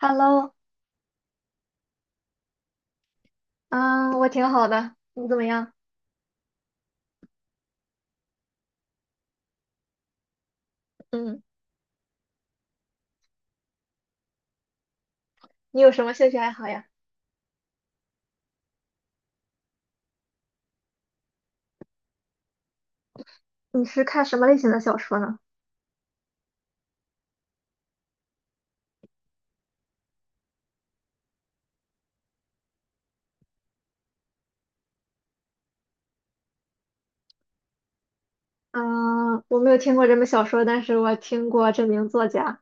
Hello，嗯，我挺好的，你怎么样？嗯，你有什么兴趣爱好呀？你是看什么类型的小说呢？嗯，我没有听过这本小说，但是我听过这名作家。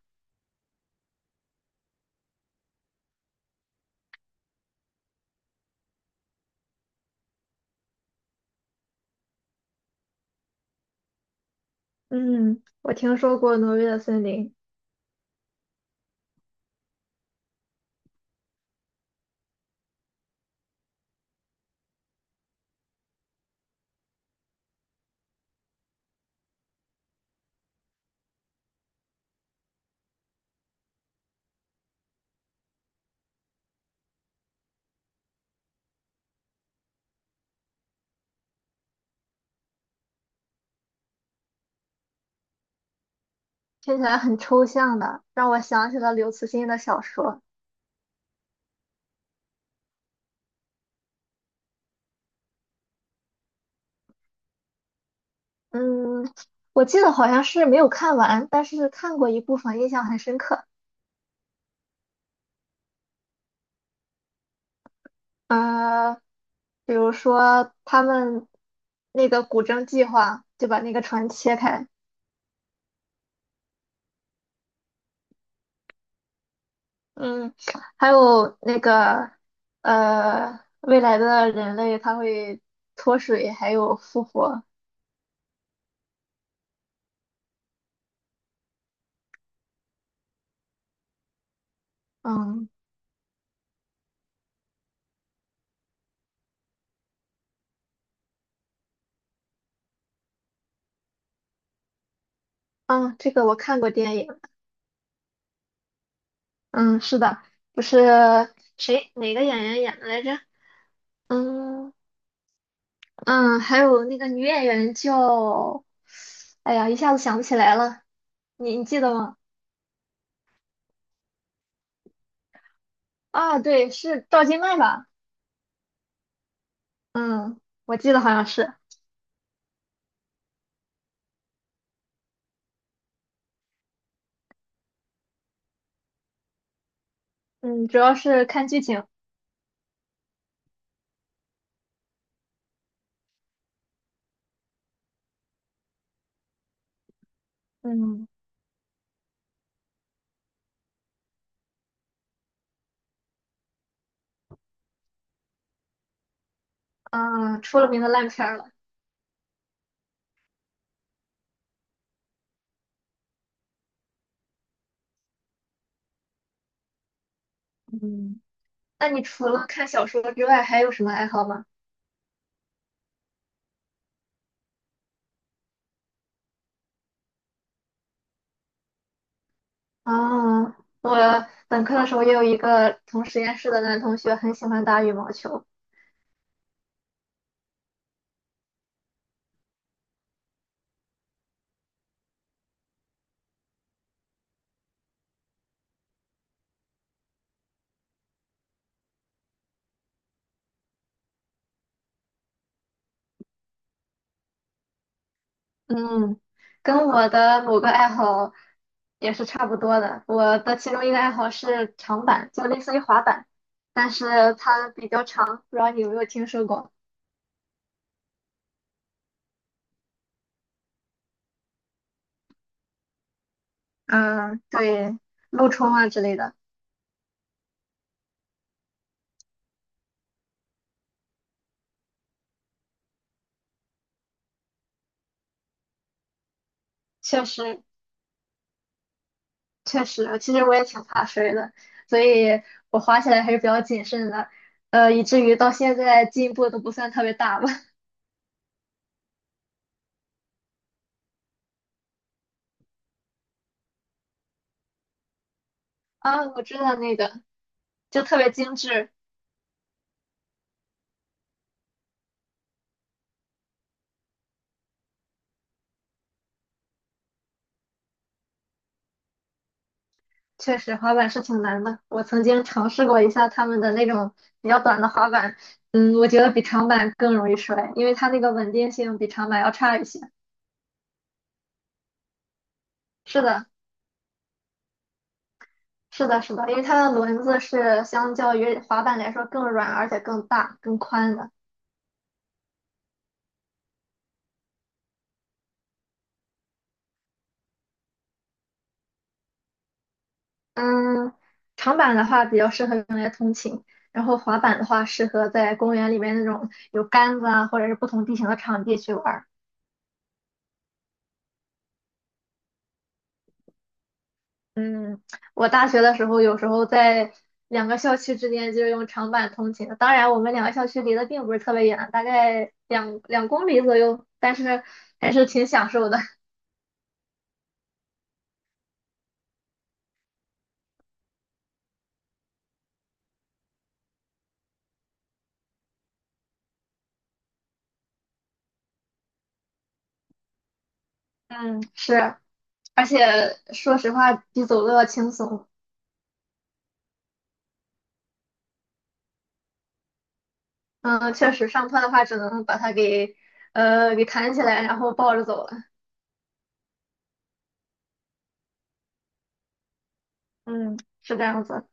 嗯，我听说过《挪威的森林》，听起来很抽象的，让我想起了刘慈欣的小说。嗯，我记得好像是没有看完，但是看过一部分，印象很深刻。呃，比如说他们那个古筝计划，就把那个船切开。嗯，还有那个未来的人类他会脱水，还有复活。嗯嗯，这个我看过电影。嗯，是的，不是谁哪个演员演的来着？嗯嗯，还有那个女演员叫，哎呀，一下子想不起来了。你记得吗？啊，对，是赵今麦吧？嗯，我记得好像是。嗯，主要是看剧情。嗯嗯，出了名的烂片儿了。嗯。那你除了看小说之外，还有什么爱好吗？啊，我本科的时候也有一个同实验室的男同学，很喜欢打羽毛球。嗯，跟我的某个爱好也是差不多的。我的其中一个爱好是长板，就类似于滑板，但是它比较长，不知道你有没有听说过？嗯，对，陆冲啊之类的，确实。确实，其实我也挺怕摔的，所以我滑起来还是比较谨慎的，以至于到现在进步都不算特别大吧。啊，我知道那个，就特别精致，确实滑板是挺难的。我曾经尝试过一下他们的那种比较短的滑板，嗯，我觉得比长板更容易摔，因为它那个稳定性比长板要差一些。是的，是的，是的，因为它的轮子是相较于滑板来说更软，而且更大、更宽的。嗯，长板的话比较适合用来通勤，然后滑板的话适合在公园里面那种有杆子啊，或者是不同地形的场地去玩儿。嗯，我大学的时候有时候在两个校区之间就用长板通勤的，当然我们两个校区离得并不是特别远，大概两公里左右，但是还是挺享受的。嗯，是，而且说实话比走路要轻松。嗯，确实上坡的话只能把它给给弹起来，然后抱着走了。嗯，是这样子。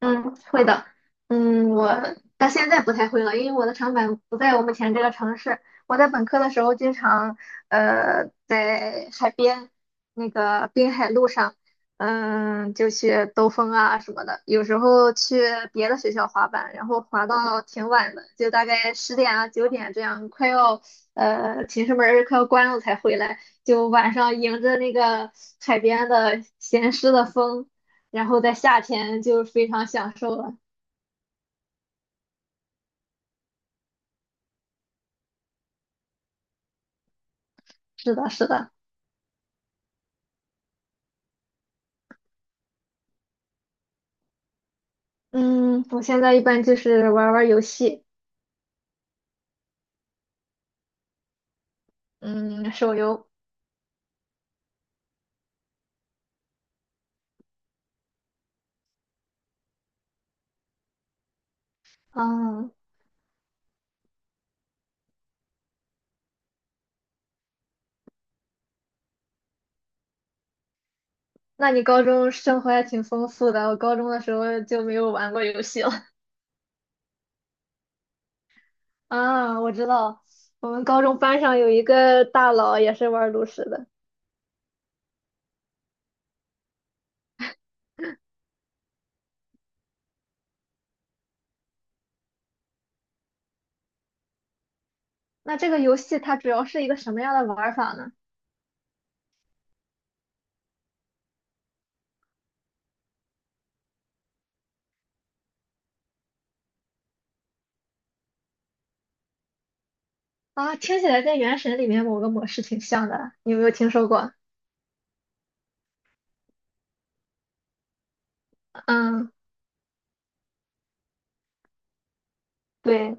嗯，会的。嗯，我到现在不太会了，因为我的长板不在我目前这个城市。我在本科的时候，经常在海边那个滨海路上，嗯，就去兜风啊什么的。有时候去别的学校滑板，然后滑到挺晚的，就大概10点啊9点这样，快要寝室门儿快要关了才回来，就晚上迎着那个海边的咸湿的风。然后在夏天就非常享受了。是的，是的，嗯，我现在一般就是玩儿玩儿游戏，嗯，手游，嗯，那你高中生活还挺丰富的，我高中的时候就没有玩过游戏了。啊，我知道，我们高中班上有一个大佬也是玩炉石的。那这个游戏它主要是一个什么样的玩儿法呢？啊，听起来跟《原神》里面某个模式挺像的，你有没有听说过？嗯，对。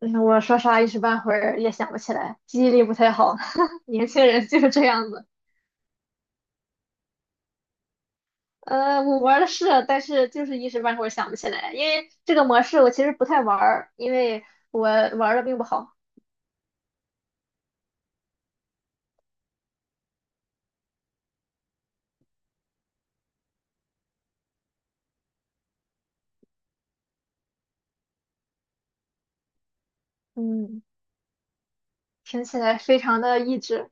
嗯，我说啥一时半会儿也想不起来，记忆力不太好，年轻人就是这样子。我玩的是，但是就是一时半会儿想不起来，因为这个模式我其实不太玩儿，因为我玩的并不好。嗯，听起来非常的益智。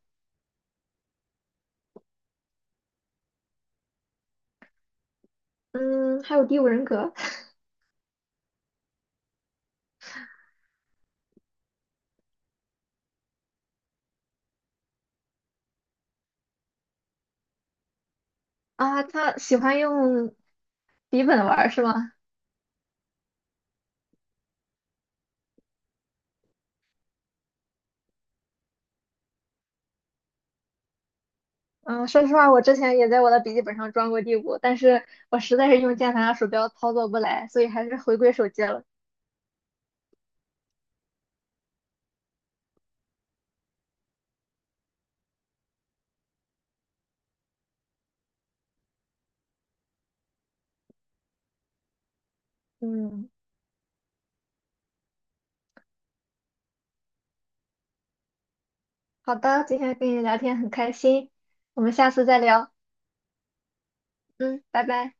嗯，还有第五人格啊，他喜欢用笔本玩儿是吗？嗯，说实话，我之前也在我的笔记本上装过第五，但是我实在是用键盘和鼠标操作不来，所以还是回归手机了。嗯。好的，今天跟你聊天很开心，我们下次再聊。嗯，拜拜。